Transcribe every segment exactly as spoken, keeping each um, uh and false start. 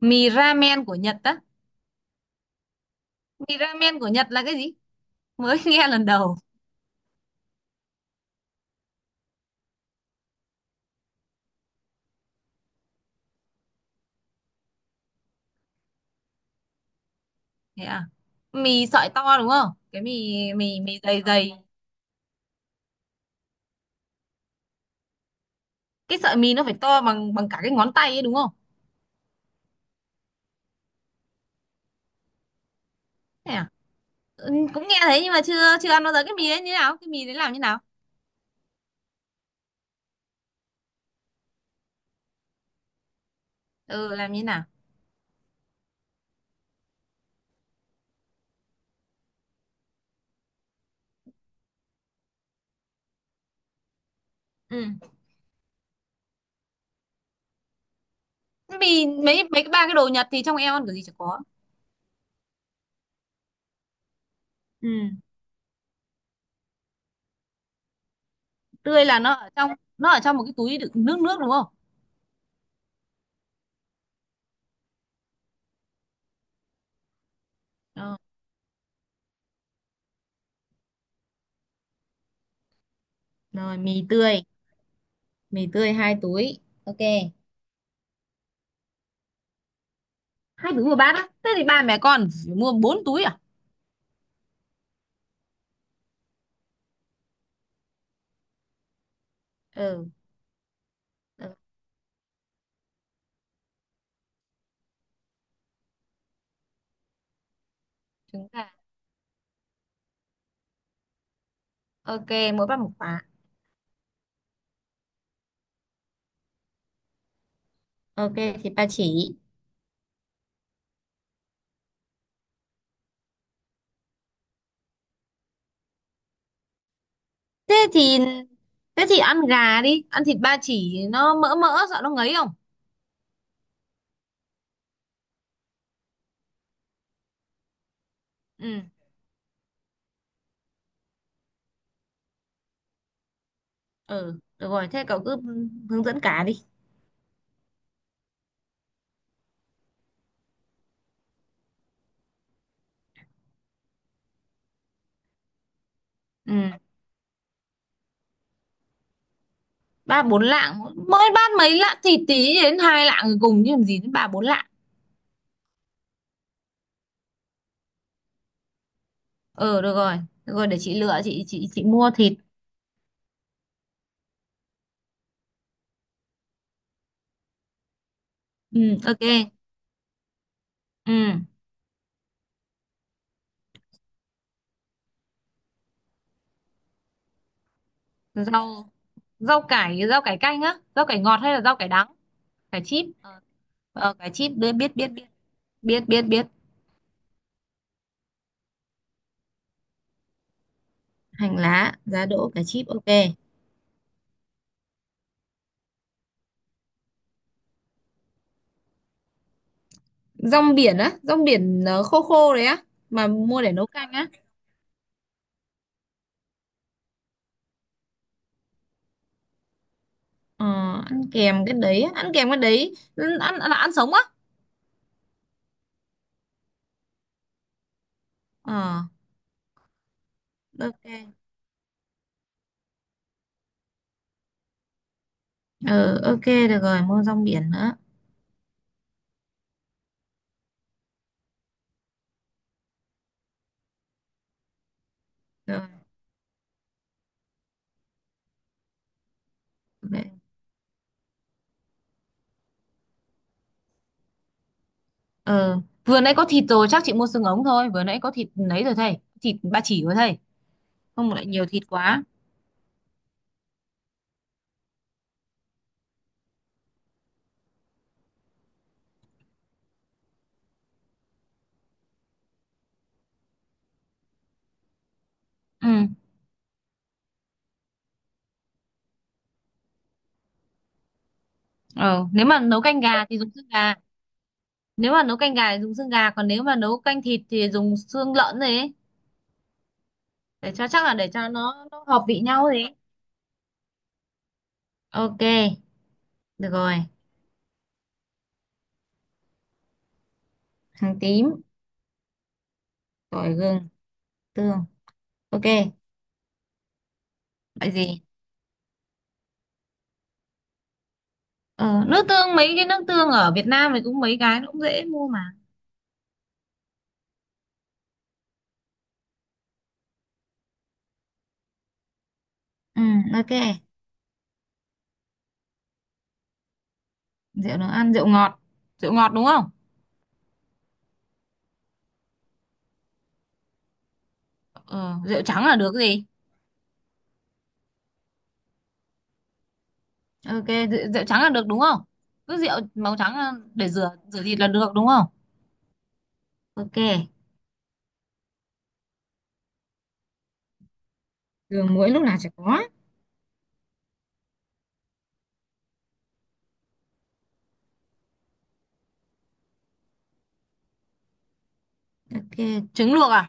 Mì ramen của Nhật á? Mì ramen của Nhật là cái gì? Mới nghe lần đầu. Thế à? Mì sợi to đúng không? Cái mì mì mì dày dày. Cái sợi mì nó phải to bằng bằng cả cái ngón tay ấy đúng không? Thế à? Ừ, cũng nghe thấy nhưng mà chưa chưa ăn bao giờ. Cái mì đấy như nào? Cái mì đấy làm như nào? Ừ, làm như nào? Ừ, mì mấy mấy cái ba cái đồ Nhật thì trong em ăn kiểu gì chả có. Ừ, tươi là nó ở trong, nó ở trong một cái túi đựng nước nước đúng không? Ừ. Rồi, mì tươi. Mì tươi hai túi. Ok. Hai túi một bát á? Thế thì ba mẹ con phải mua bốn túi à? Ừ, ừ. Chúng ta. Ok, mỗi bát một quả. Ok, thịt ba chỉ. Thế thì thế thì ăn gà đi, ăn thịt ba chỉ nó mỡ mỡ sợ nó ngấy không? Ừ, ừ, được rồi, thế cậu cứ hướng dẫn cả đi. Ừ, ba bốn lạng. Mỗi bát mấy lạng thịt tí đến hai lạng rồi cùng chứ làm gì đến ba bốn lạng. Ừ, được rồi, được rồi, để chị lựa, chị chị chị mua thịt. Ừ, ok, ừ. Rau rau cải rau cải canh á, rau cải ngọt hay là rau cải đắng? Cải chip. ờ, cải chip biết biết biết biết. Biết biết biết. Hành lá, giá đỗ, cải chip, ok. Rong biển á? Rong biển ờ, khô khô đấy á? Mà mua để nấu canh á? ờ, ăn kèm cái đấy á? Ăn kèm cái đấy ăn, ăn, là ăn sống á? Ờ, ok. Ờ, ok, được rồi, mua rong biển nữa. Rồi. Ok. ờ vừa nãy có thịt rồi, chắc chị mua xương ống thôi, vừa nãy có thịt lấy rồi thầy, thịt ba chỉ rồi thầy, không lại nhiều thịt quá. Ừ. Ờ, nếu mà nấu canh gà thì dùng xương gà. Nếu mà nấu canh gà thì dùng xương gà, còn nếu mà nấu canh thịt thì dùng xương lợn rồi ấy. Để cho chắc, là để cho nó nó hợp vị nhau rồi ấy. Ok. Được rồi, hành tím, tỏi gừng, tương. Ok vậy gì. ờ, nước tương, mấy cái nước tương ở Việt Nam thì cũng mấy cái nó cũng dễ mua mà. Ừ, ok. Rượu nấu ăn, rượu ngọt. Rượu ngọt đúng không? ờ, rượu trắng là được gì. Ok, rượu, rượu trắng là được đúng không? Cứ rượu màu trắng là để rửa rửa thịt là được đúng không? Ok. Đường muối lúc nào chả có. Ok, trứng luộc à?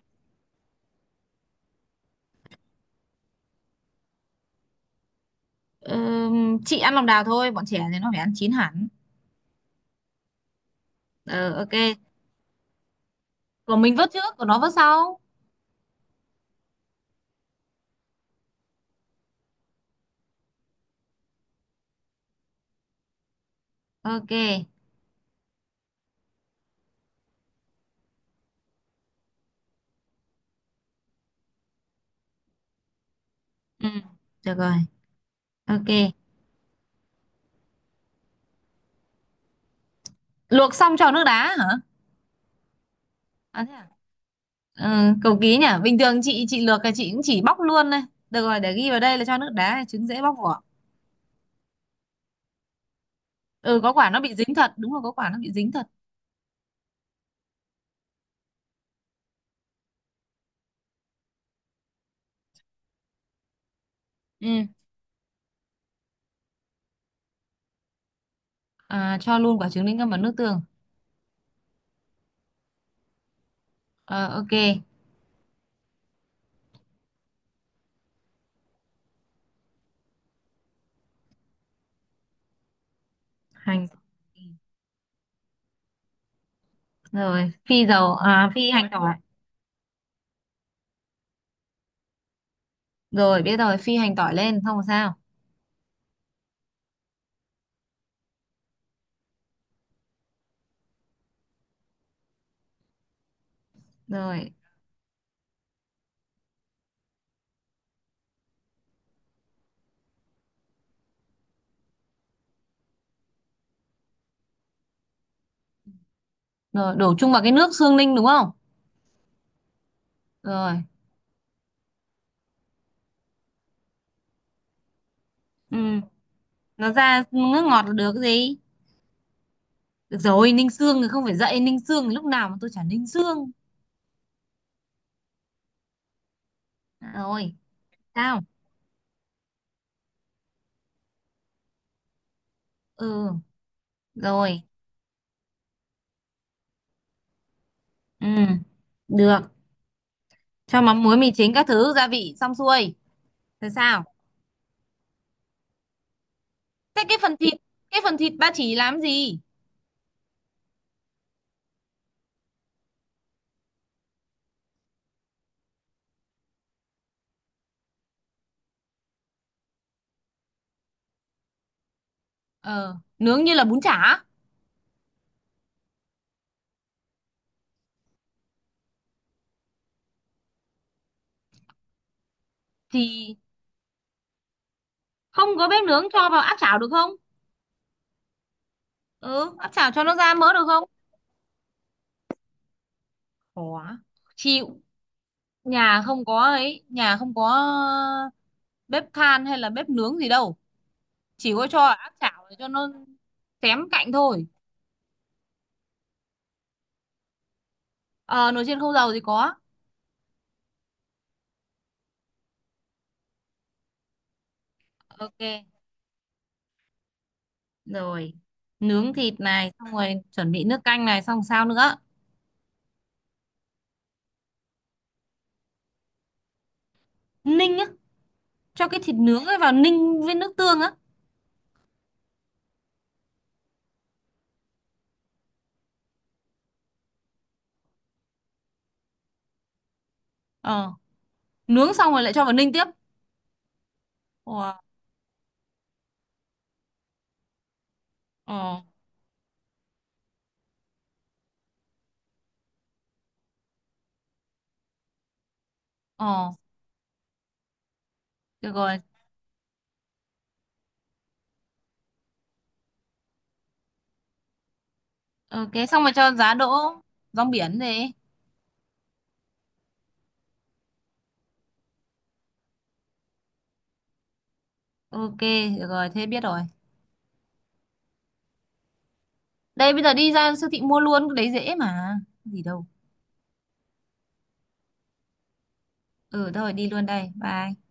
Ừm, chị ăn lòng đào thôi, bọn trẻ thì nó phải ăn chín hẳn. Ờ, ok, còn mình vớt trước còn nó vớt sau. Ok. Ừ, được rồi. Ok. Luộc xong cho nước đá hả? À, thế à? Ừ, cầu ký nhỉ, bình thường chị chị luộc là chị cũng chỉ bóc luôn đây. Được rồi, để ghi vào đây là cho nước đá trứng dễ bóc vỏ. Ừ, có quả nó bị dính thật, đúng rồi, có quả nó bị dính thật. Ừ. À, cho luôn quả trứng lên ngâm vào nước tương. Ờ, ok. Hành. Rồi phi dầu à, phi hành tỏi. Rồi, biết rồi, phi hành tỏi lên không sao. Rồi. Rồi, đổ chung vào cái nước xương ninh đúng không? Rồi. Ừ, nó ra nước ngọt là được cái gì. Được rồi, ninh xương thì không phải dậy, ninh xương lúc nào mà tôi chả ninh xương. À, rồi sao? Ừ, rồi, ừ, được. Cho mắm muối, mì chính, các thứ gia vị xong xuôi. Rồi sao? Thế cái phần thịt cái phần thịt ba chỉ làm gì? ờ nướng như là bún chả? Thì không có bếp nướng, cho vào áp chảo được không? Ừ, áp chảo cho nó ra mỡ được không? Khó. Chịu. nhà không có ấy nhà không có bếp than hay là bếp nướng gì đâu. Chỉ có cho áp chảo để cho nó xém cạnh thôi. Ờ, nồi chiên không dầu thì có. Ok, rồi nướng thịt này xong rồi chuẩn bị nước canh này xong sao nữa? Ninh á? Cho cái thịt nướng ấy vào ninh với nước tương á? Ờ. Nướng xong rồi lại cho vào ninh tiếp. Ờ. Ờ. Ờ, được rồi. Ok, xong rồi cho giá đỗ. Rong biển gì? Ok, được rồi, thế biết rồi. Đây, bây giờ đi ra siêu thị mua luôn, cái đấy dễ mà. Gì đâu. Ừ, thôi đi luôn đây. Bye.